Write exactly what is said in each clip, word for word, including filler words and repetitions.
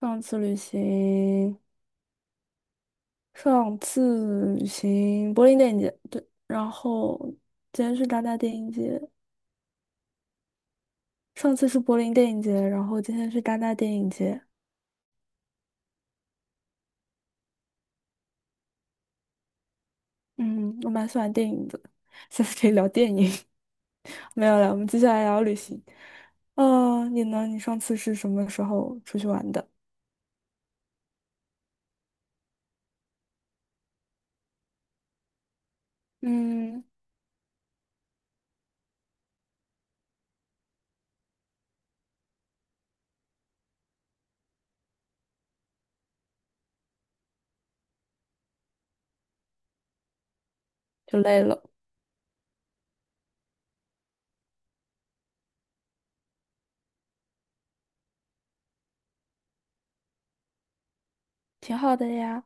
上次旅行，上次旅行柏林电影节，对，然后今天是戛纳电影节。上次是柏林电影节，然后今天是戛纳电影节。嗯，我蛮喜欢电影的，下次可以聊电影。没有了，我们接下来聊旅行。呃，你呢？你上次是什么时候出去玩的？嗯，就累了，挺好的呀。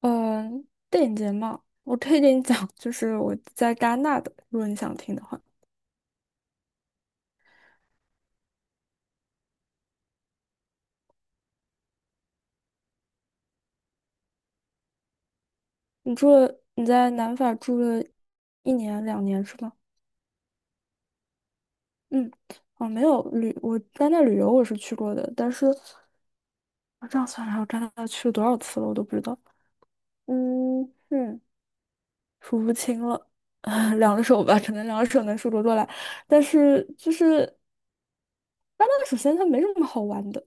嗯，电影节嘛，我可以给你讲，就是我在戛纳的，如果你想听的话。你住了，你在南法住了一年两年是吗？嗯，哦，没有旅，我戛纳旅游我是去过的，但是我这样算来，我戛纳去了多少次了，我都不知道。嗯嗯，数不清了。两个手吧，可能两个手能数得过来。但是就是戛纳，首先它没什么好玩的，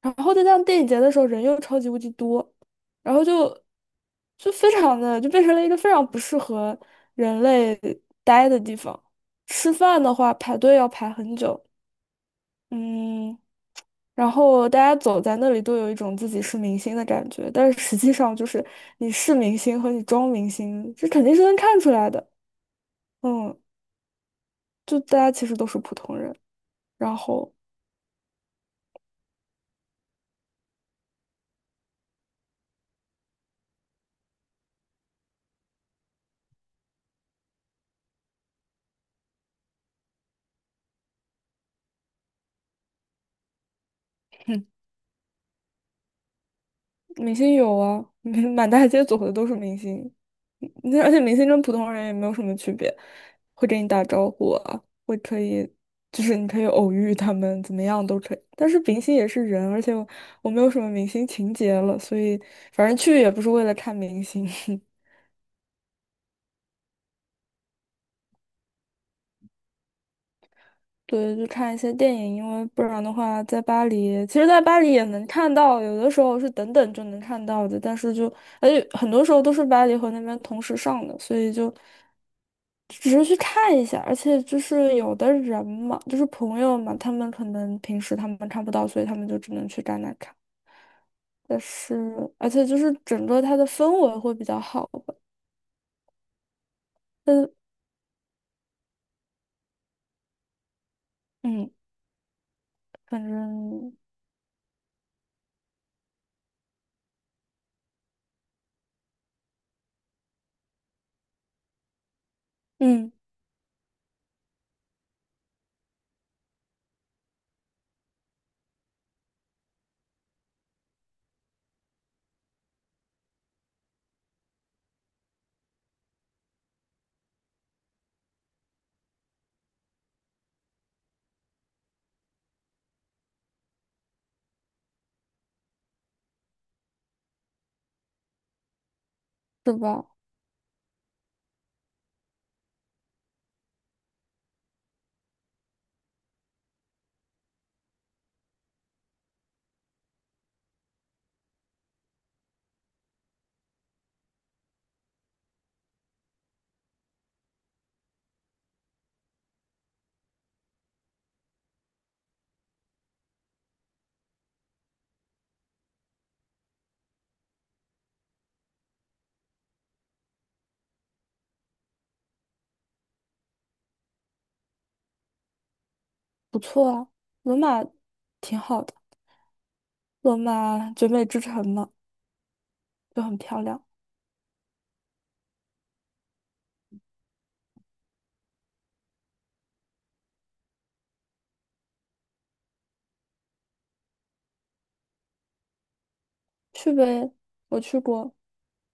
然后再加上电影节的时候人又超级无敌多，然后就就非常的就变成了一个非常不适合人类待的地方。吃饭的话排队要排很久，嗯，然后大家走在那里都有一种自己是明星的感觉，但是实际上就是你是明星和你装明星，这肯定是能看出来的。嗯，就大家其实都是普通人。然后哼，明星有啊，满大街走的都是明星。那而且明星跟普通人也没有什么区别，会跟你打招呼啊，会可以，就是你可以偶遇他们，怎么样都可以。但是明星也是人，而且我，我没有什么明星情节了，所以反正去也不是为了看明星。对，就看一些电影。因为不然的话，在巴黎，其实，在巴黎也能看到，有的时候是等等就能看到的。但是就，而且很多时候都是巴黎和那边同时上的，所以就只是去看一下，而且就是有的人嘛，就是朋友嘛，他们可能平时他们看不到，所以他们就只能去戛纳看。但是，而且就是整个它的氛围会比较好吧。但嗯，反正嗯，是吧？不错啊，罗马挺好的。罗马绝美之城嘛，就很漂亮，去呗。我去过，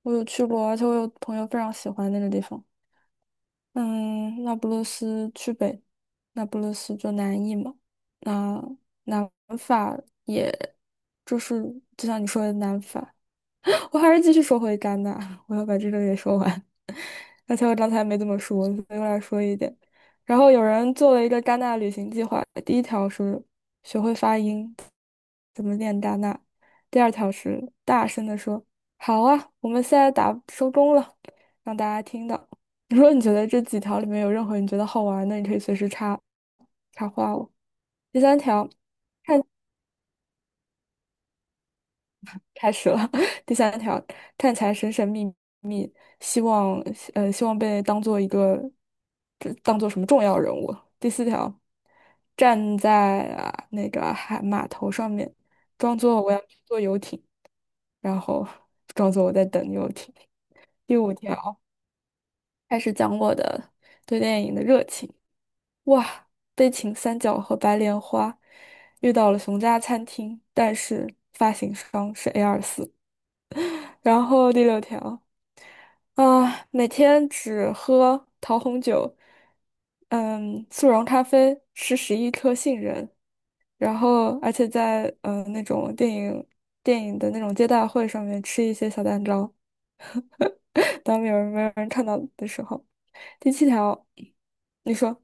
我有去过，而且我有朋友非常喜欢那个地方。嗯，那不勒斯去呗，那不勒斯就南意嘛。那南法也就是就像你说的南法，我还是继续说回戛纳，我要把这个也说完。而且我刚才没怎么说，所以我来说一点。然后有人做了一个戛纳旅行计划，第一条是学会发音，怎么念戛纳；第二条是大声的说"好啊，我们现在打收工了"，让大家听到。如果你觉得这几条里面有任何你觉得好玩的，你可以随时插插话我。第三条。开始了。第三条，看起来神神秘秘，希望呃希望被当做一个这当做什么重要人物。第四条，站在啊那个海码头上面，装作我要去坐游艇，然后装作我在等游艇。第五条，开始讲我的对电影的热情。哇，悲情三角和白莲花遇到了熊家餐厅，但是发行商是 A 二四。然后第六条。啊，每天只喝桃红酒，嗯，速溶咖啡，吃十一颗杏仁，然后而且在嗯、呃那种电影电影的那种接待会上面吃一些小蛋糕，当没有人没有人看到的时候。第七条，你说。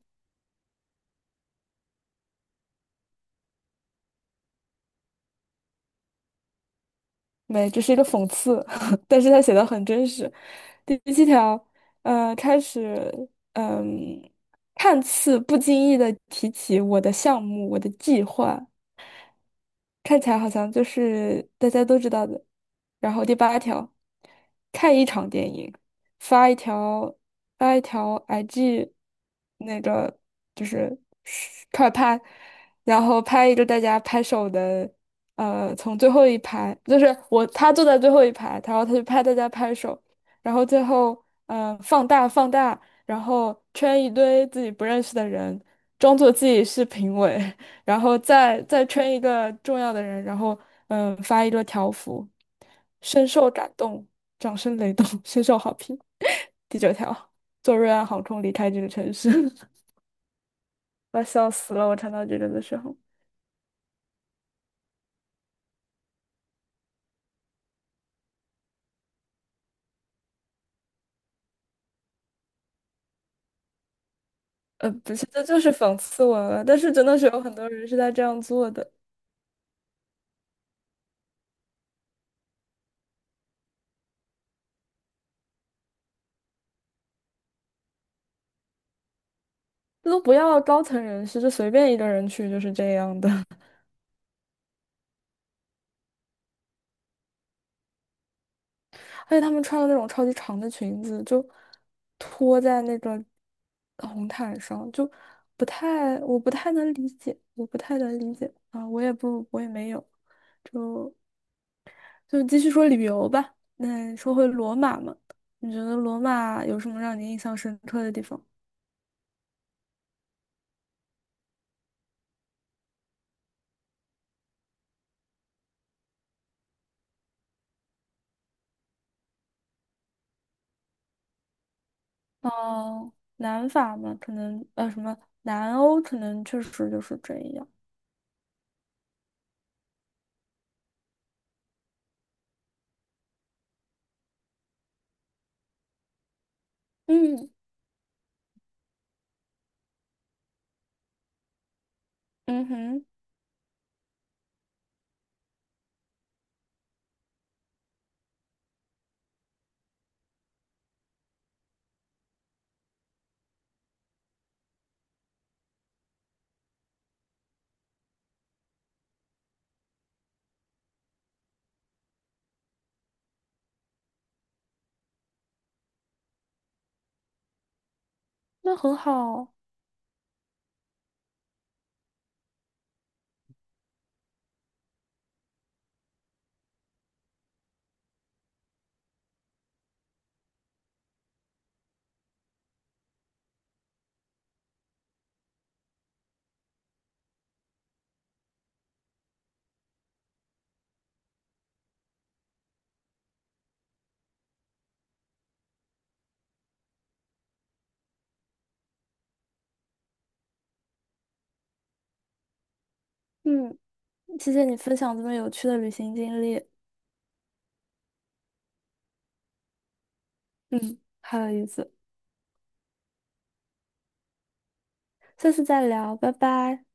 没，这是一个讽刺，但是他写的很真实。第七条，呃，开始，嗯、看似不经意的提起我的项目，我的计划。看起来好像就是大家都知道的。然后第八条，看一场电影，发一条发一条 I G，那个就是快拍，然后拍一个大家拍手的。呃，从最后一排，就是我他坐在最后一排，然后他就拍大家拍手，然后最后呃放大放大，然后圈一堆自己不认识的人，装作自己是评委。然后再再圈一个重要的人，然后嗯发一个条幅，深受感动，掌声雷动，深受好评。第九条，坐瑞安航空离开这个城市，我笑死了！我看到这个的时候，呃，不是，这就是讽刺我了。但是真的是有很多人是在这样做的，这都不要高层人士，就随便一个人去就是这样的。而且他们穿的那种超级长的裙子，就拖在那个红毯上，就不太，我不太能理解，我不太能理解啊，我也不，我也没有，就就继续说旅游吧。那说回罗马嘛，你觉得罗马有什么让你印象深刻的地方？哦，南法嘛，可能呃什么南欧，可能确实就是这样。嗯嗯哼，那很好。嗯，谢谢你分享这么有趣的旅行经历。嗯，好有意思，下次再聊，拜拜。